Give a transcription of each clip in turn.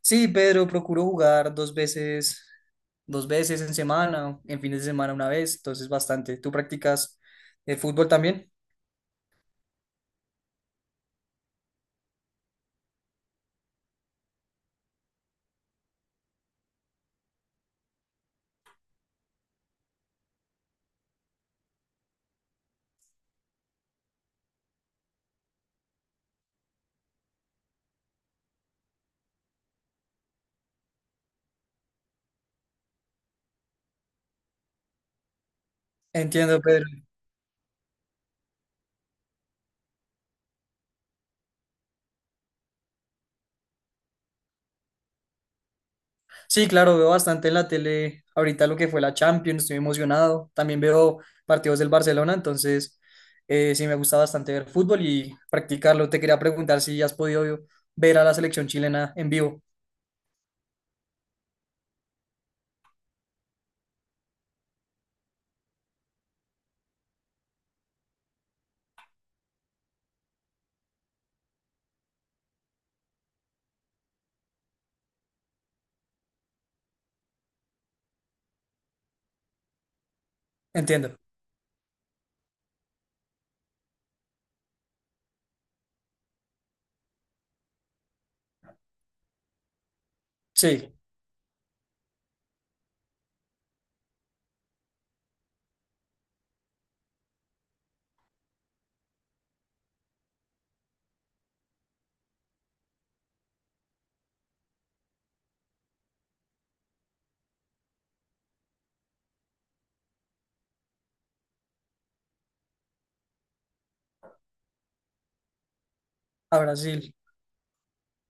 Sí, Pedro, procuro jugar dos veces en semana, en fines de semana una vez, entonces bastante. ¿Tú practicas el fútbol también? Entiendo, Pedro. Sí, claro, veo bastante en la tele ahorita lo que fue la Champions, estoy emocionado. También veo partidos del Barcelona, entonces sí me gusta bastante ver fútbol y practicarlo. Te quería preguntar si has podido ver a la selección chilena en vivo. Entiendo. Sí, a Brasil.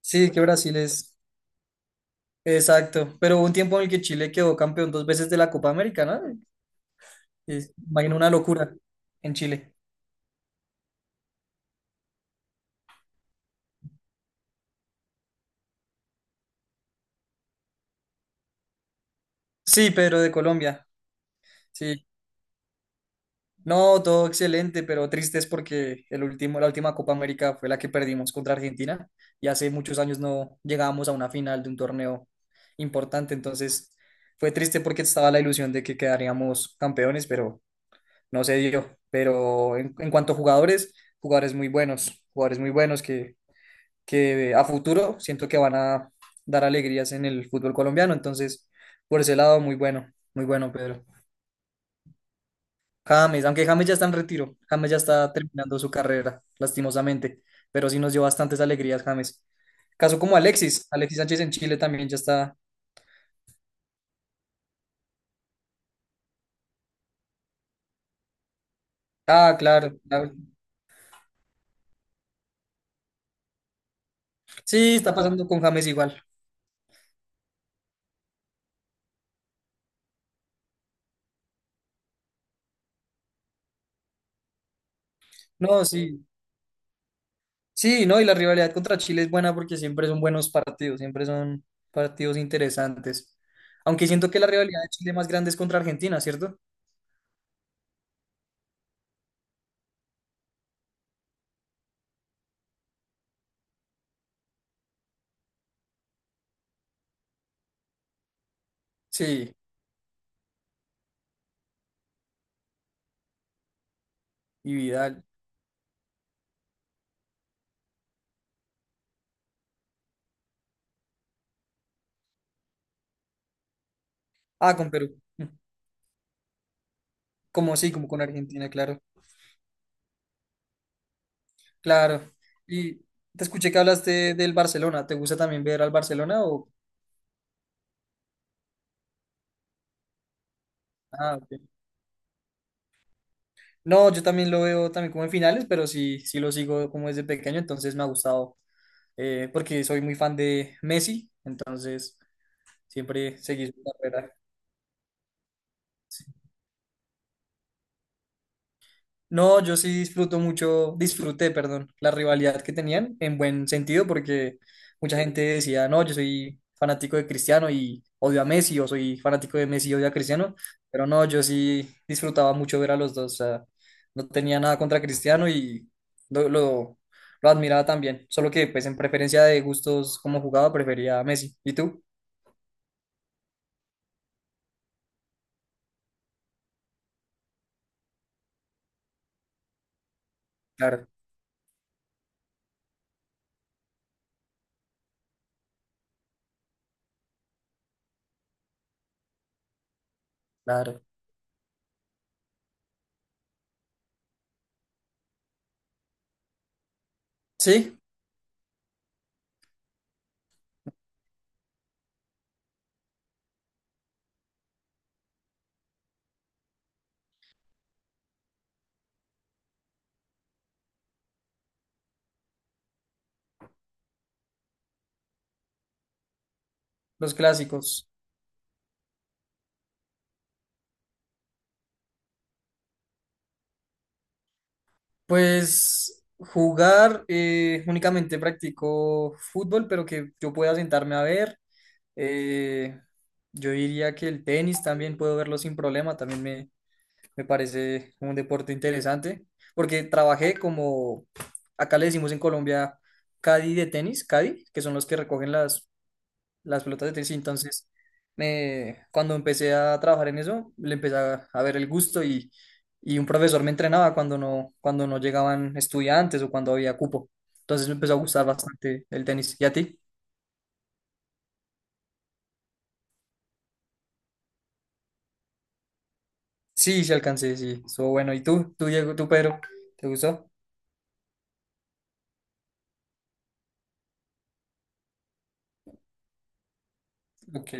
Sí, que Brasil es. Exacto, pero hubo un tiempo en el que Chile quedó campeón dos veces de la Copa América, ¿no? Es- imagino una locura en Chile. Sí, pero de Colombia. Sí. No, todo excelente, pero triste es porque la última Copa América fue la que perdimos contra Argentina, y hace muchos años no llegábamos a una final de un torneo importante, entonces fue triste porque estaba la ilusión de que quedaríamos campeones, pero no se dio. Pero en cuanto a jugadores, jugadores muy buenos que a futuro siento que van a dar alegrías en el fútbol colombiano. Entonces, por ese lado, muy bueno, muy bueno, Pedro. James, aunque James ya está en retiro, James ya está terminando su carrera, lastimosamente, pero sí nos dio bastantes alegrías, James. Caso como Alexis, Alexis Sánchez en Chile también ya está. Ah, claro, claro. Sí, está pasando con James igual. No, sí. Sí, no, y la rivalidad contra Chile es buena porque siempre son buenos partidos, siempre son partidos interesantes. Aunque siento que la rivalidad de Chile más grande es contra Argentina, ¿cierto? Sí, y Vidal. Ah, con Perú. Mm. Como sí, como con Argentina, claro. Claro. Y te escuché que hablaste del Barcelona. ¿Te gusta también ver al Barcelona o...? Ah, ok. No, yo también lo veo también como en finales, pero sí, sí lo sigo como desde pequeño, entonces me ha gustado, porque soy muy fan de Messi, entonces siempre seguí su carrera. No, yo sí disfruto mucho, disfruté, perdón, la rivalidad que tenían en buen sentido porque mucha gente decía, no, yo soy fanático de Cristiano y odio a Messi, o soy fanático de Messi y odio a Cristiano, pero no, yo sí disfrutaba mucho ver a los dos, o sea, no tenía nada contra Cristiano y lo, lo, lo admiraba también, solo que pues en preferencia de gustos como jugaba prefería a Messi. ¿Y tú? Claro, claro. Sí, los clásicos. Pues jugar, únicamente practico fútbol, pero que yo pueda sentarme a ver. Eh, yo diría que el tenis también puedo verlo sin problema, también me parece un deporte interesante, porque trabajé como, acá le decimos en Colombia, caddy de tenis, caddy, que son los que recogen las pelotas de tenis. Y entonces, cuando empecé a trabajar en eso, le empecé a ver el gusto y un profesor me entrenaba cuando no llegaban estudiantes o cuando había cupo. Entonces me empezó a gustar bastante el tenis. ¿Y a ti? Sí, sí alcancé, sí, estuvo bueno. ¿Y tú? ¿Tú, Diego, tú, Pedro? ¿Te gustó? Ok,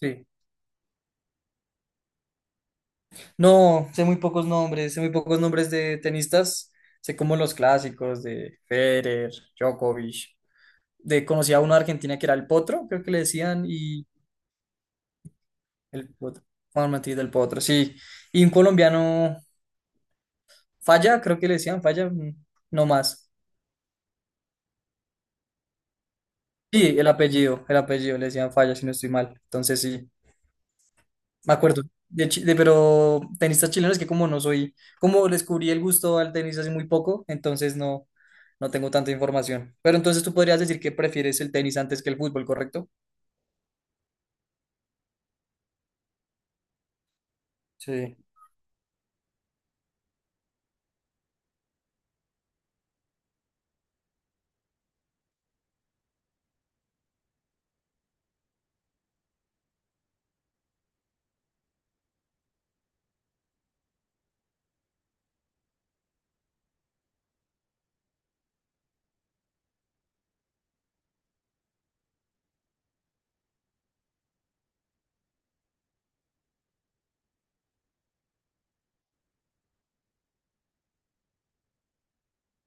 sí. No, sé muy pocos nombres, sé muy pocos nombres de tenistas. Sé como los clásicos de Federer, Djokovic. De, conocí a uno de Argentina que era el Potro, creo que le decían, y el Potro. Juan Martí del Potro, sí. Y un colombiano, Falla, creo que le decían Falla, mm, no más. Sí, el apellido, le decían Falla, si no estoy mal. Entonces sí, me acuerdo. Pero tenistas chilenos que como no soy, como descubrí el gusto al tenis hace muy poco, entonces no, no tengo tanta información. Pero entonces tú podrías decir que prefieres el tenis antes que el fútbol, ¿correcto? Sí.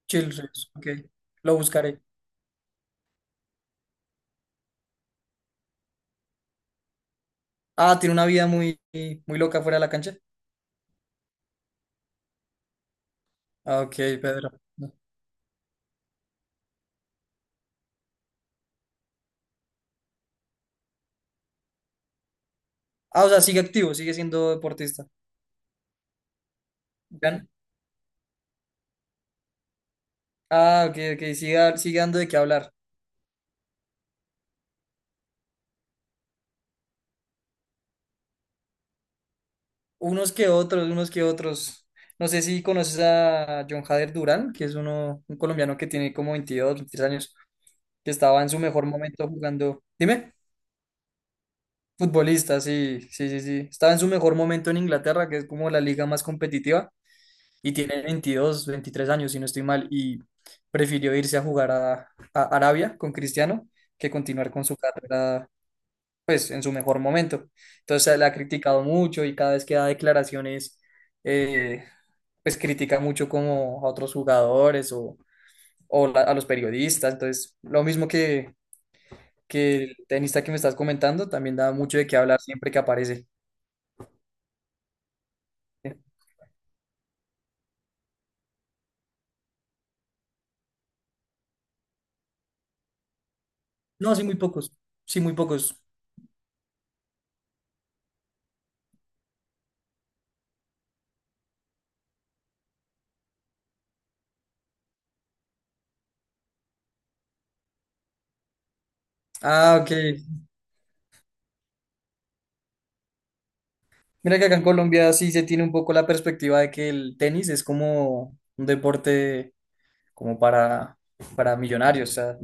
Chile, ok, lo buscaré. Ah, tiene una vida muy, muy loca fuera de la cancha. Ah, ok, Pedro. Ah, o sea, sigue activo, sigue siendo deportista. Ya- ah, ok, ok, siga- sigue dando de qué hablar. Unos que otros, unos que otros. No sé si conoces a John Jader Durán, que es uno, un colombiano que tiene como 22, 23 años, que estaba en su mejor momento jugando. Dime, futbolista, sí, sí, sí, sí. Estaba en su mejor momento en Inglaterra, que es como la liga más competitiva, y tiene 22, 23 años, si no estoy mal, y prefirió irse a jugar a Arabia con Cristiano que continuar con su carrera pues en su mejor momento. Entonces la ha criticado mucho y cada vez que da declaraciones, eh, pues critica mucho como a otros jugadores a los periodistas. Entonces, que el tenista que me estás comentando, también da mucho de qué hablar siempre que aparece. No, sí, muy pocos. Sí, muy pocos. Ah, ok. Mira que acá en Colombia sí se tiene un poco la perspectiva de que el tenis es como un deporte como para, para millonarios. O sea,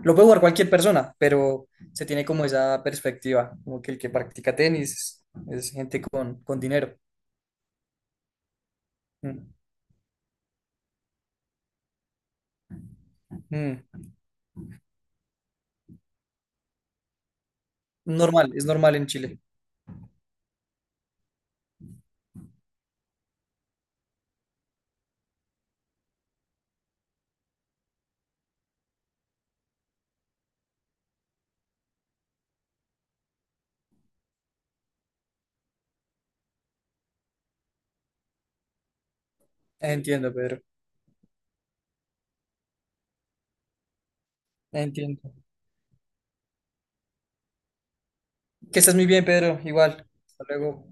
lo puede jugar cualquier persona, pero se tiene como esa perspectiva, como que el que practica tenis es, gente con dinero. Mm, mm. Normal, es normal en Chile. Entiendo, Pedro. Entiendo. Que estés muy bien, Pedro. Igual. Hasta luego.